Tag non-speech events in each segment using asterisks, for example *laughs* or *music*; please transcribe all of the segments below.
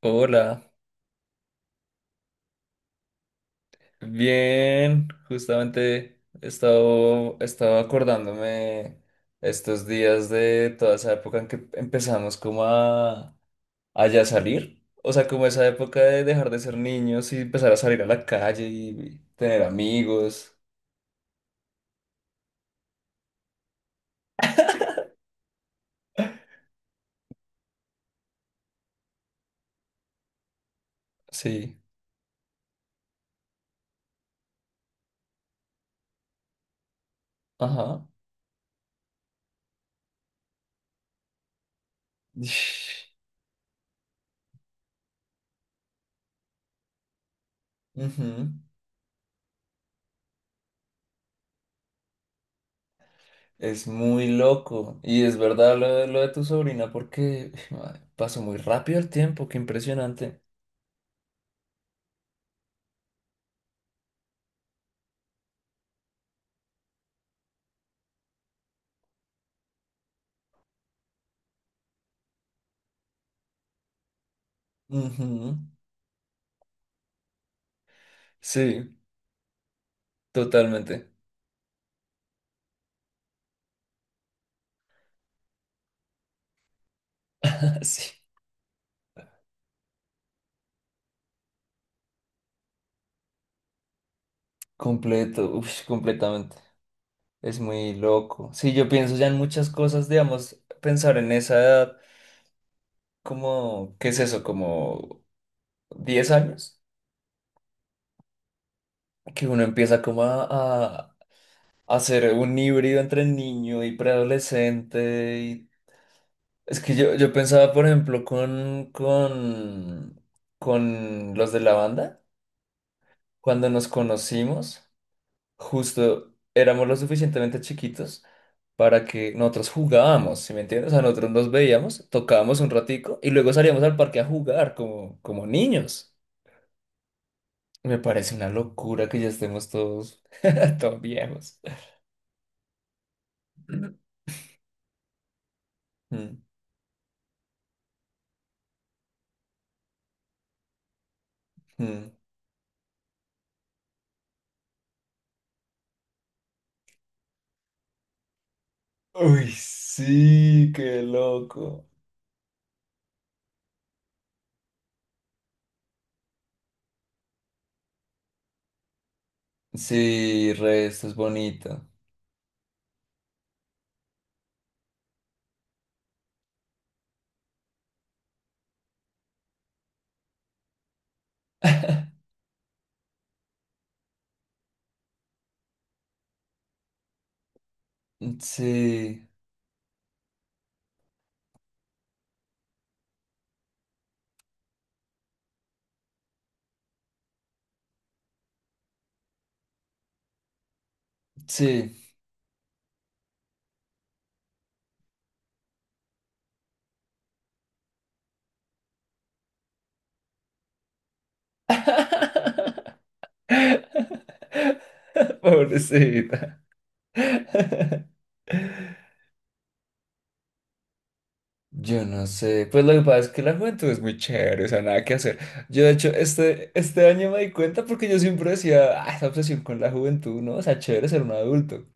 Hola, bien, justamente he estado acordándome estos días de toda esa época en que empezamos como a ya salir, o sea, como esa época de dejar de ser niños y empezar a salir a la calle y tener amigos, sí, ajá. Ish, ujú. Es muy loco y es verdad lo de tu sobrina porque *sighs* madre, pasó muy rápido el tiempo, qué impresionante. Ujú, sí. Totalmente. *laughs* Sí, completo, uf, completamente. Es muy loco. Sí, yo pienso ya en muchas cosas, digamos, pensar en esa edad, como, ¿qué es eso? Como 10 años, que uno empieza como a hacer un híbrido entre niño y preadolescente. Y es que yo pensaba, por ejemplo, con los de la banda, cuando nos conocimos. Justo éramos lo suficientemente chiquitos para que nosotros jugábamos, ¿sí me entiendes? O sea, nosotros nos veíamos, tocábamos un ratico y luego salíamos al parque a jugar como, como niños. Me parece una locura que ya estemos todos, *laughs* todos viejos. Mm, mm. Uy, sí, qué loco. Sí, re, esto es bonito. *laughs* Sí, sí. *laughs* Pobrecita. *laughs* Yo no sé, pues lo que pasa es que la juventud es muy chévere, o sea, nada que hacer. Yo de hecho este año me di cuenta porque yo siempre decía, ah, esa obsesión con la juventud, ¿no? O sea, chévere ser un adulto.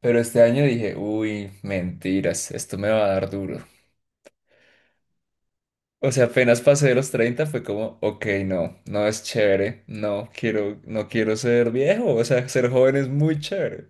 Pero este año dije, uy, mentiras, esto me va a dar duro. O sea, apenas pasé de los 30 fue como, ok, no, no es chévere, no quiero, no quiero ser viejo, o sea, ser joven es muy chévere.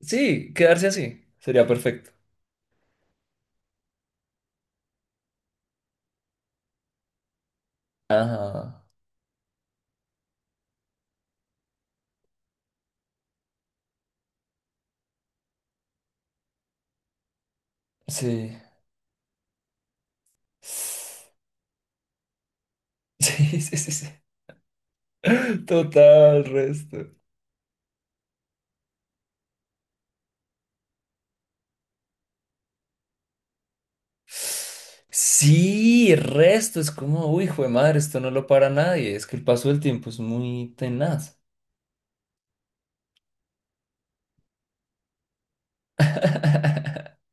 Sí, quedarse así, sería perfecto. Ajá, sí. *laughs* *sighs* Sí, sí, sí, sí. Total, resto. Sí, resto, es como, uy, jue madre, esto no lo para nadie, es que el paso del tiempo es muy tenaz. *laughs*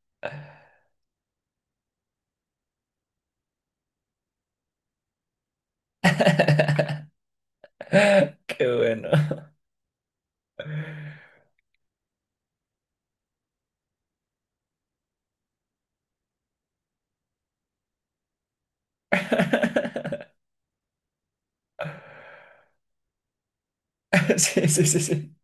Qué bueno. *laughs* Sí, sí, sí, sí.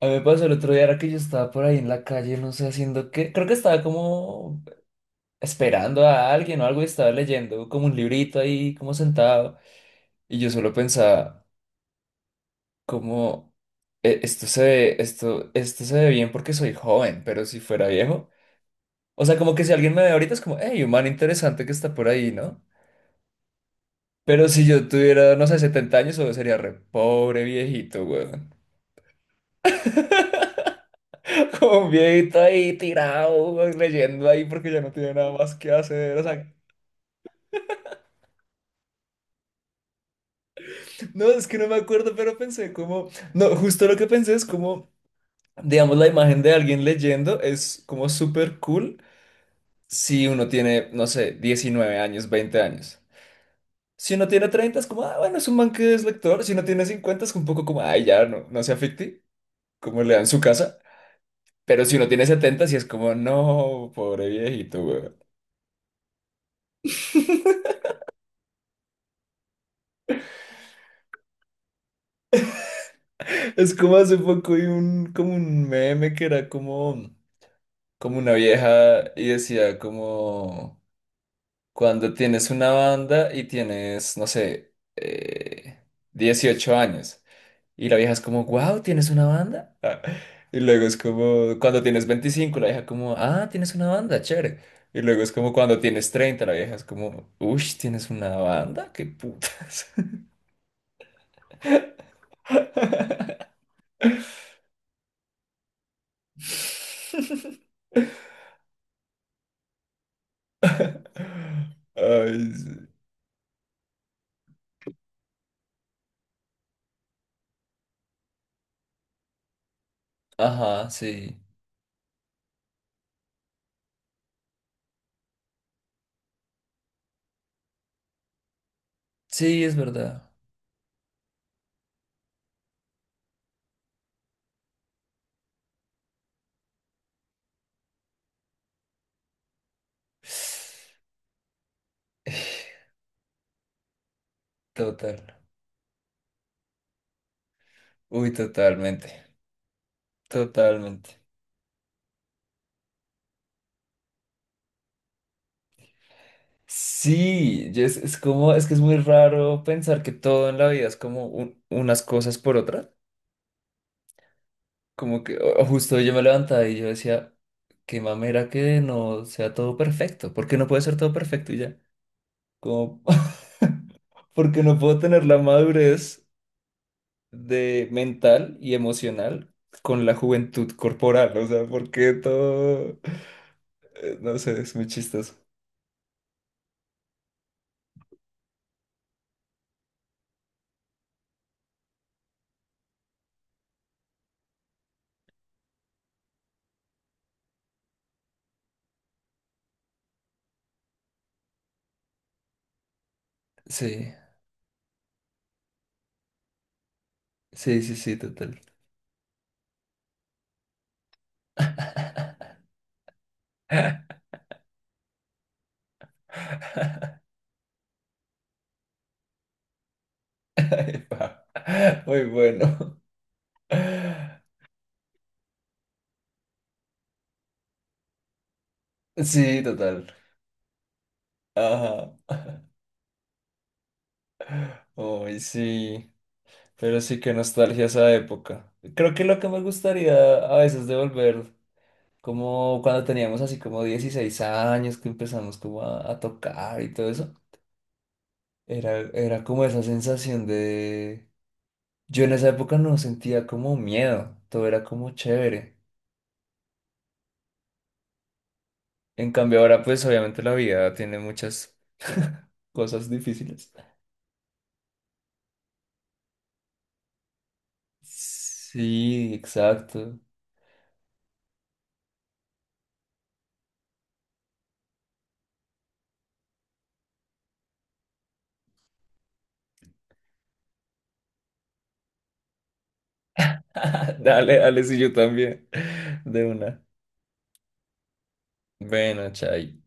A mí me pasó el otro día, era que yo estaba por ahí en la calle, no sé, haciendo qué, creo que estaba como esperando a alguien o algo y estaba leyendo como un librito ahí, como sentado, y yo solo pensaba... como "E- esto se ve bien porque soy joven, pero si fuera viejo." O sea, como que si alguien me ve ahorita es como, hey, un man interesante que está por ahí, ¿no? Pero si yo tuviera, no sé, 70 años, solo sería re pobre viejito, weón. *laughs* Como un viejito ahí tirado, weón, leyendo ahí porque ya no tiene nada más que hacer. O sea, no, es que no me acuerdo, pero pensé como, no, justo lo que pensé es como, digamos, la imagen de alguien leyendo es como súper cool si uno tiene, no sé, 19 años, 20 años. Si uno tiene 30 es como, ah, bueno, es un man que es lector. Si uno tiene 50 es un poco como, ay, ya, no, no se afecte, como le dan su casa. Pero si uno tiene 70, sí es como, no, pobre viejito, weón. Es como hace poco hay un, como un meme que era como, como una vieja y decía como, cuando tienes una banda y tienes, no sé, 18 años. Y la vieja es como, wow, ¿tienes una banda? Ah, y luego es como, cuando tienes 25 la vieja como, ah, tienes una banda, chévere. Y luego es como cuando tienes treinta la vieja es como, uy, ¿tienes una banda? ¡Qué putas! *laughs* Ay, sí. Ajá, sí. Sí, es verdad. *sighs* Total. Uy, totalmente. Totalmente. Sí, y es como, es que es muy raro pensar que todo en la vida es como un- unas cosas por otras. Como que o justo yo me levantaba y yo decía, qué mamera que no sea todo perfecto, porque no puede ser todo perfecto y ya. Como, *laughs* porque no puedo tener la madurez de mental y emocional con la juventud corporal, o sea, porque todo, no sé, es muy chistoso. Sí, sí, sí, sí, total. *laughs* Epa, muy bueno. Sí, total. Ajá. Uy, sí. Pero sí, qué nostalgia esa época. Creo que lo que me gustaría a veces de volver, como cuando teníamos así como 16 años, que empezamos como a tocar y todo eso, era como esa sensación de... Yo en esa época no sentía como miedo, todo era como chévere. En cambio ahora pues obviamente la vida tiene muchas *laughs* cosas difíciles. Sí, exacto. *laughs* Dale, dale, si yo también. De una. Bueno, chay.